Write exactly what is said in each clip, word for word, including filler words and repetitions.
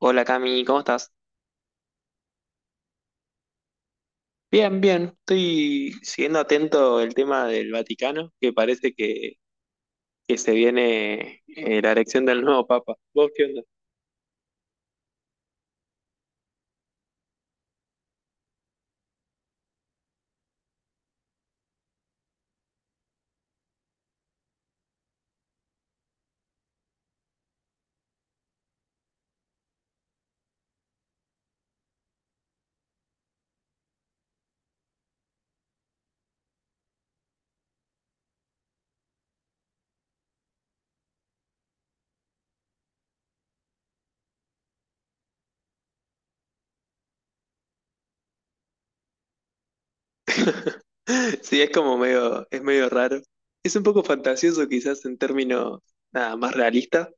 Hola Cami, ¿cómo estás? Bien, bien. Estoy siguiendo atento el tema del Vaticano, que parece que, que se viene eh, la elección del nuevo Papa. ¿Vos qué onda? Sí, es como medio, es medio raro. Es un poco fantasioso quizás en términos nada más realistas.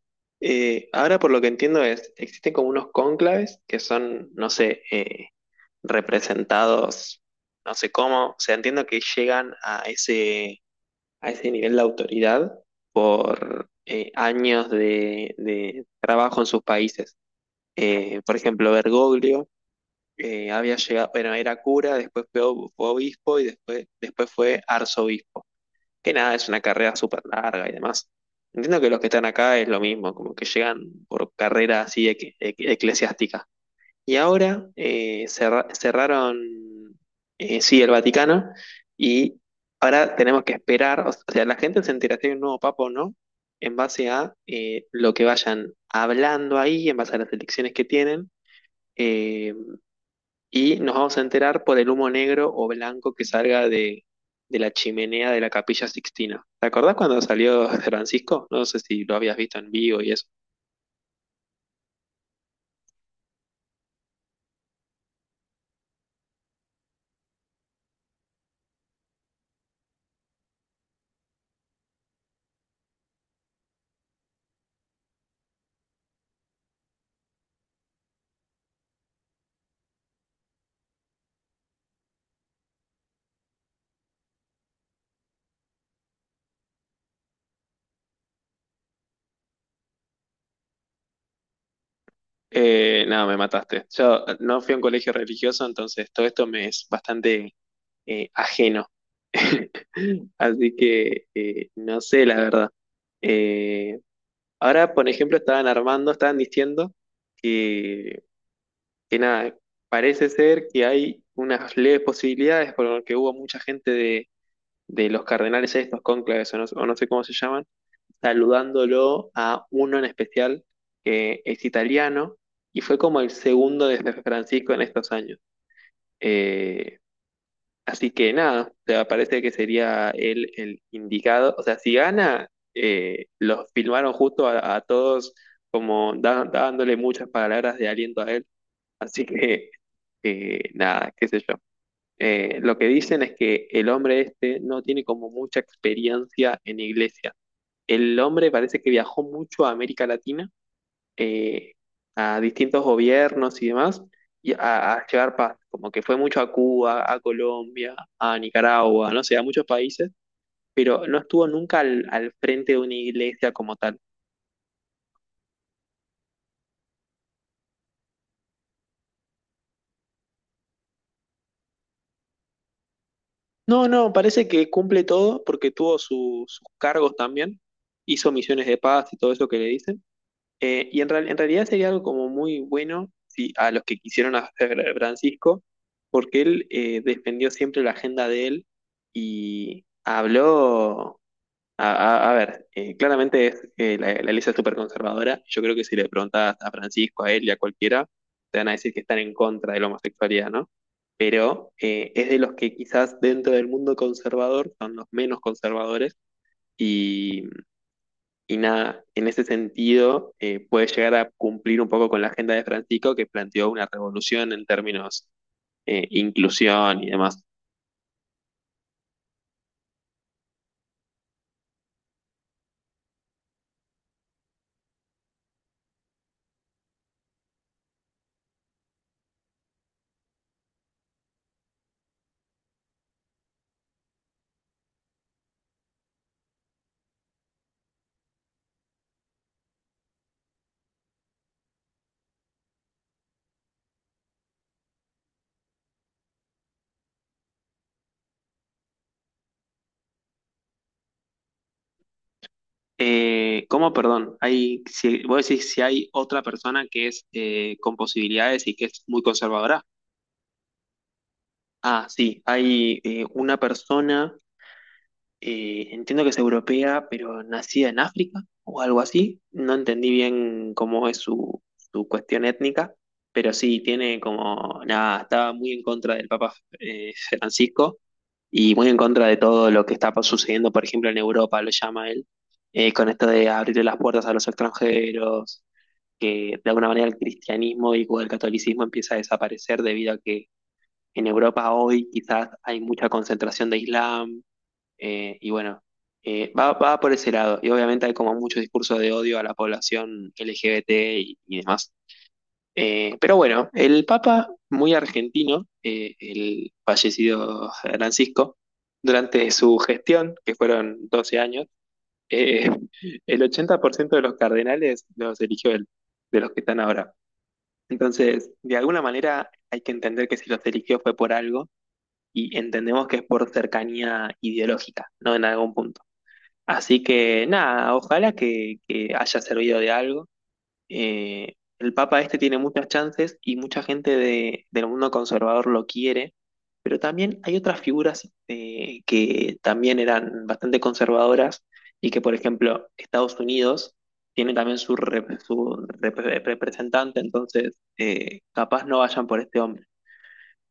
Eh, ahora por lo que entiendo es, existen como unos cónclaves que son, no sé, eh, representados, no sé cómo, o sea, entiendo que llegan a ese a ese nivel de autoridad por eh, años de, de trabajo en sus países. Eh, por ejemplo, Bergoglio eh, había llegado, bueno, era cura, después fue, fue obispo y después, después fue arzobispo. Que nada, es una carrera súper larga y demás. Entiendo que los que están acá es lo mismo, como que llegan por carrera así equi- equi- eclesiástica. Y ahora eh, cerra- cerraron, eh, sí, el Vaticano y ahora tenemos que esperar, o o sea, la gente se entera si hay un nuevo papa o no, en base a eh, lo que vayan hablando ahí, en base a las elecciones que tienen, eh, y nos vamos a enterar por el humo negro o blanco que salga de, de la chimenea de la Capilla Sixtina. ¿Te acordás cuando salió Francisco? No sé si lo habías visto en vivo y eso. Eh, no, me mataste. Yo no fui a un colegio religioso, entonces todo esto me es bastante eh, ajeno. Así que eh, no sé, la verdad. Eh, Ahora, por ejemplo, estaban armando, estaban diciendo que, que nada, parece ser que hay unas leves posibilidades porque hubo mucha gente de, de los cardenales estos, cónclaves o no, o no sé cómo se llaman, saludándolo a uno en especial, que es italiano y fue como el segundo de Francisco en estos años. Eh, Así que nada, o sea, parece que sería él el indicado. O sea, si gana, eh, los filmaron justo a, a todos como da- dándole muchas palabras de aliento a él. Así que eh, nada, qué sé yo. Eh, lo que dicen es que el hombre este no tiene como mucha experiencia en iglesia. El hombre parece que viajó mucho a América Latina, eh, a distintos gobiernos y demás, y a, a llevar paz, como que fue mucho a Cuba, a Colombia, a Nicaragua, no sé, a muchos países, pero no estuvo nunca al, al frente de una iglesia como tal. No, no, parece que cumple todo porque tuvo su- sus cargos también, hizo misiones de paz y todo eso que le dicen. Eh, y en, real- en realidad sería algo como muy bueno sí, a los que quisieron hacer a Francisco, porque él eh, defendió siempre la agenda de él y habló, a, a- a ver, eh, claramente es, eh, la, la iglesia es súper conservadora, yo creo que si le preguntas a Francisco, a él y a cualquiera, te van a decir que están en contra de la homosexualidad, ¿no? Pero eh, es de los que quizás dentro del mundo conservador son los menos conservadores y y nada, en ese sentido eh, puede llegar a cumplir un poco con la agenda de Francisco, que planteó una revolución en términos eh, inclusión y demás. Eh, ¿cómo, perdón? Hay, si, vos decís si hay otra persona que es eh, con posibilidades y que es muy conservadora. Ah, sí, hay eh, una persona. Eh, entiendo que es europea, pero nacida en África o algo así. No entendí bien cómo es su, su cuestión étnica, pero sí, tiene como, nada, estaba muy en contra del Papa eh, Francisco, y muy en contra de todo lo que está sucediendo, por ejemplo, en Europa, lo llama él, eh, con esto de abrirle las puertas a los extranjeros, que de alguna manera el cristianismo y el catolicismo empieza a desaparecer debido a que en Europa hoy quizás hay mucha concentración de islam, eh, y bueno, eh, va, va por ese lado. Y obviamente hay como mucho discurso de odio a la población L G B T y, y demás. Eh, pero bueno, el Papa, muy argentino, eh, el fallecido Francisco, durante su gestión, que fueron doce años, eh, el ochenta por ciento de los cardenales los eligió él, de los que están ahora. Entonces, de alguna manera hay que entender que si los eligió fue por algo, y entendemos que es por cercanía ideológica, ¿no? En algún punto. Así que nada, ojalá que, que haya servido de algo. Eh, el Papa este tiene muchas chances y mucha gente de- del mundo conservador lo quiere, pero también hay otras figuras eh, que también eran bastante conservadoras y que, por ejemplo, Estados Unidos tiene también su, rep- su rep- representante, entonces eh, capaz no vayan por este hombre.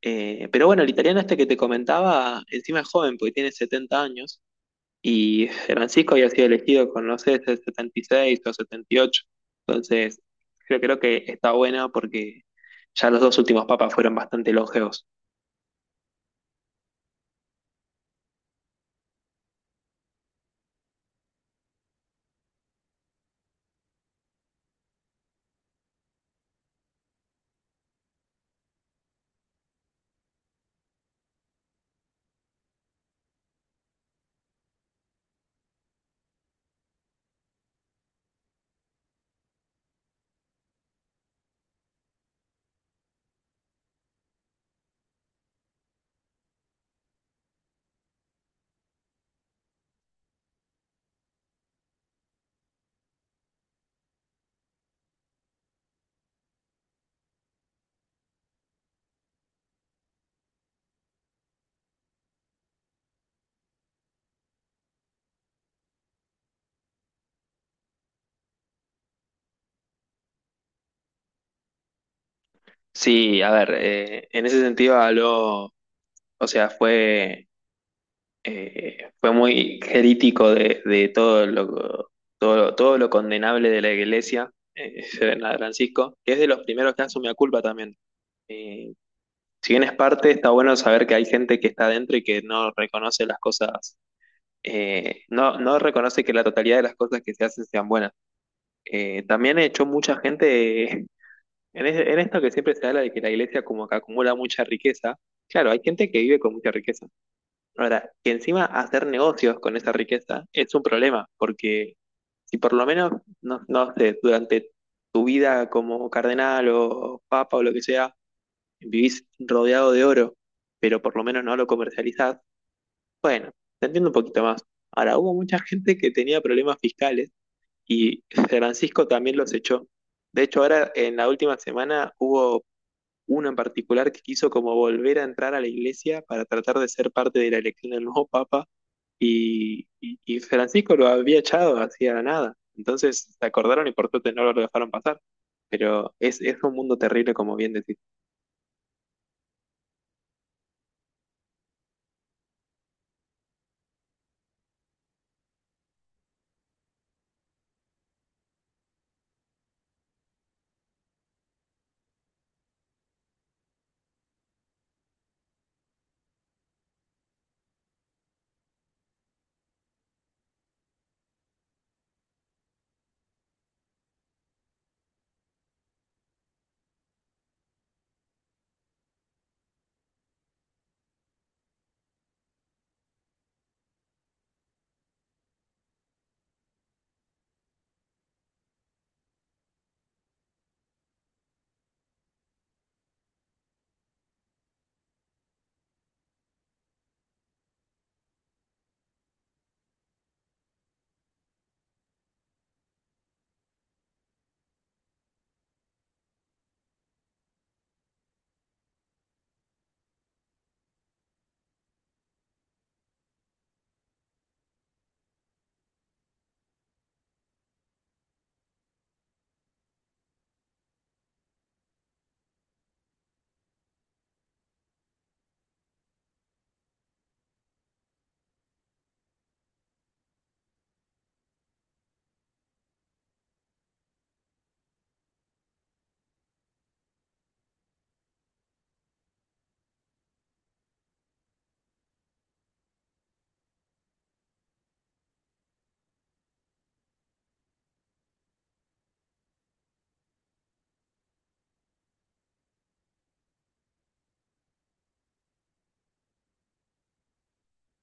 Eh, pero bueno, el italiano este que te comentaba, encima es joven, porque tiene setenta años. Y Francisco había sido elegido con, no sé, setenta y seis o setenta y ocho. Entonces, creo, creo que está buena porque ya los dos últimos papas fueron bastante longevos. Sí, a ver, eh, en ese sentido habló, o sea, fue, eh, fue muy crítico de, de todo lo, todo, lo- todo lo condenable de la iglesia, eh, Francisco, que es de los primeros que asume la culpa también. Eh, si bien es parte, está bueno saber que hay gente que está adentro y que no reconoce las cosas, eh, no, no reconoce que la totalidad de las cosas que se hacen sean buenas. Eh, también echó mucha gente eh, en, es- en esto que siempre se habla de que la iglesia como que acumula mucha riqueza. Claro, hay gente que vive con mucha riqueza. Ahora, que encima hacer negocios con esa riqueza es un problema, porque si por lo menos, no, no sé, durante tu vida como cardenal o papa o lo que sea, vivís rodeado de oro, pero por lo menos no lo comercializás, bueno, te entiendo un poquito más. Ahora, hubo mucha gente que tenía problemas fiscales, y Francisco también los echó. De hecho, ahora en la última semana hubo uno en particular que quiso como volver a entrar a la iglesia para tratar de ser parte de la elección del nuevo papa, y, y- y Francisco lo había echado hacía nada. Entonces se acordaron y por suerte no lo dejaron pasar. Pero es, es un mundo terrible, como bien decís.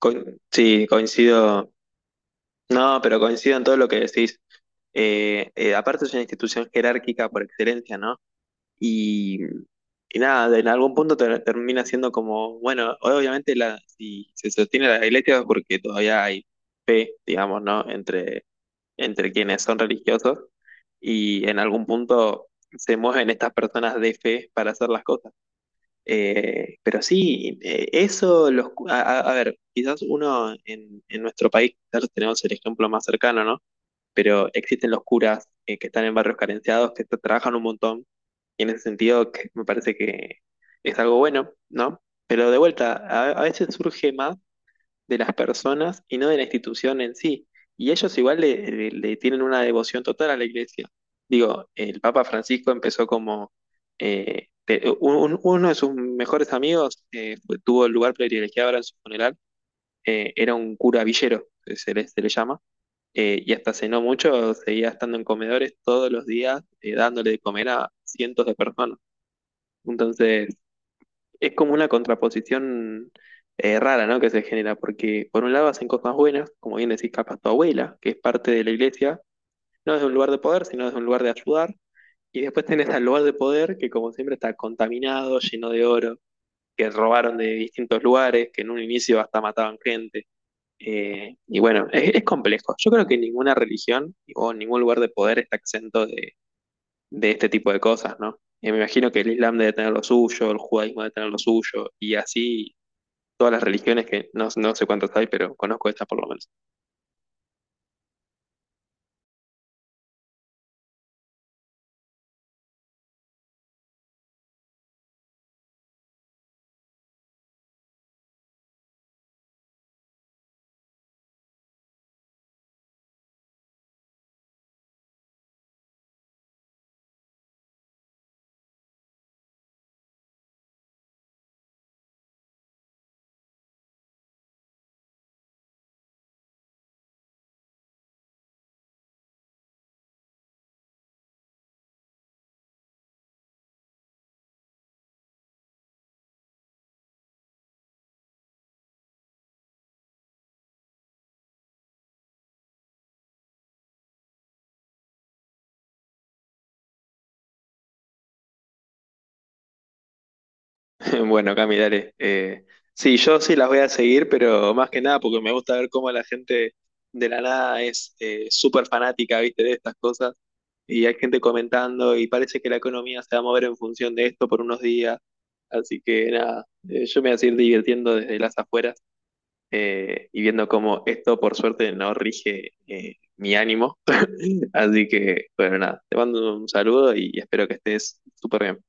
Con- sí, coincido. No, pero coincido en todo lo que decís. Eh, eh, aparte es una institución jerárquica por excelencia, ¿no? Y, y nada, en algún punto ter- termina siendo como, bueno, obviamente la, si se sostiene la iglesia es porque todavía hay fe, digamos, ¿no? Entre, entre quienes son religiosos, y en algún punto se mueven estas personas de fe para hacer las cosas. Eh, pero sí, eh, eso, los, cu- a, a- a ver, quizás uno en, en nuestro país, quizás tenemos el ejemplo más cercano, ¿no? Pero existen los curas eh, que están en barrios carenciados, que tra- trabajan un montón, y en ese sentido que me parece que es algo bueno, ¿no? Pero de vuelta, a, a veces surge más de las personas y no de la institución en sí, y ellos igual le, le- le tienen una devoción total a la iglesia. Digo, el Papa Francisco empezó como... eh, te- un- uno de sus mejores amigos, eh, fue- tuvo el lugar privilegiado ahora en su funeral, eh, era un cura villero, se le se le llama, eh, y hasta hace no mucho seguía estando en comedores todos los días, eh, dándole de comer a cientos de personas. Entonces, es como una contraposición eh, rara, ¿no? Que se genera, porque por un lado hacen cosas buenas, como bien decís, capaz tu abuela, que es parte de la iglesia, no desde un lugar de poder, sino desde un lugar de ayudar. Y después tenés al lugar de poder, que como siempre está contaminado, lleno de oro, que robaron de distintos lugares, que en un inicio hasta mataban gente, eh, y bueno, es, es complejo. Yo creo que ninguna religión o ningún lugar de poder está exento de, de este tipo de cosas, ¿no? Eh, me imagino que el Islam debe tener lo suyo, el judaísmo debe tener lo suyo, y así todas las religiones que no, no sé cuántas hay, pero conozco esta por lo menos. Bueno, Cami, dale. Eh, sí, yo sí las voy a seguir, pero más que nada porque me gusta ver cómo la gente de la nada es eh, súper fanática, ¿viste? De estas cosas. Y hay gente comentando y parece que la economía se va a mover en función de esto por unos días. Así que nada, eh, yo me voy a seguir divirtiendo desde las afueras, eh, y viendo cómo esto por suerte no rige eh, mi ánimo. Así que bueno, nada, te mando un saludo y espero que estés súper bien.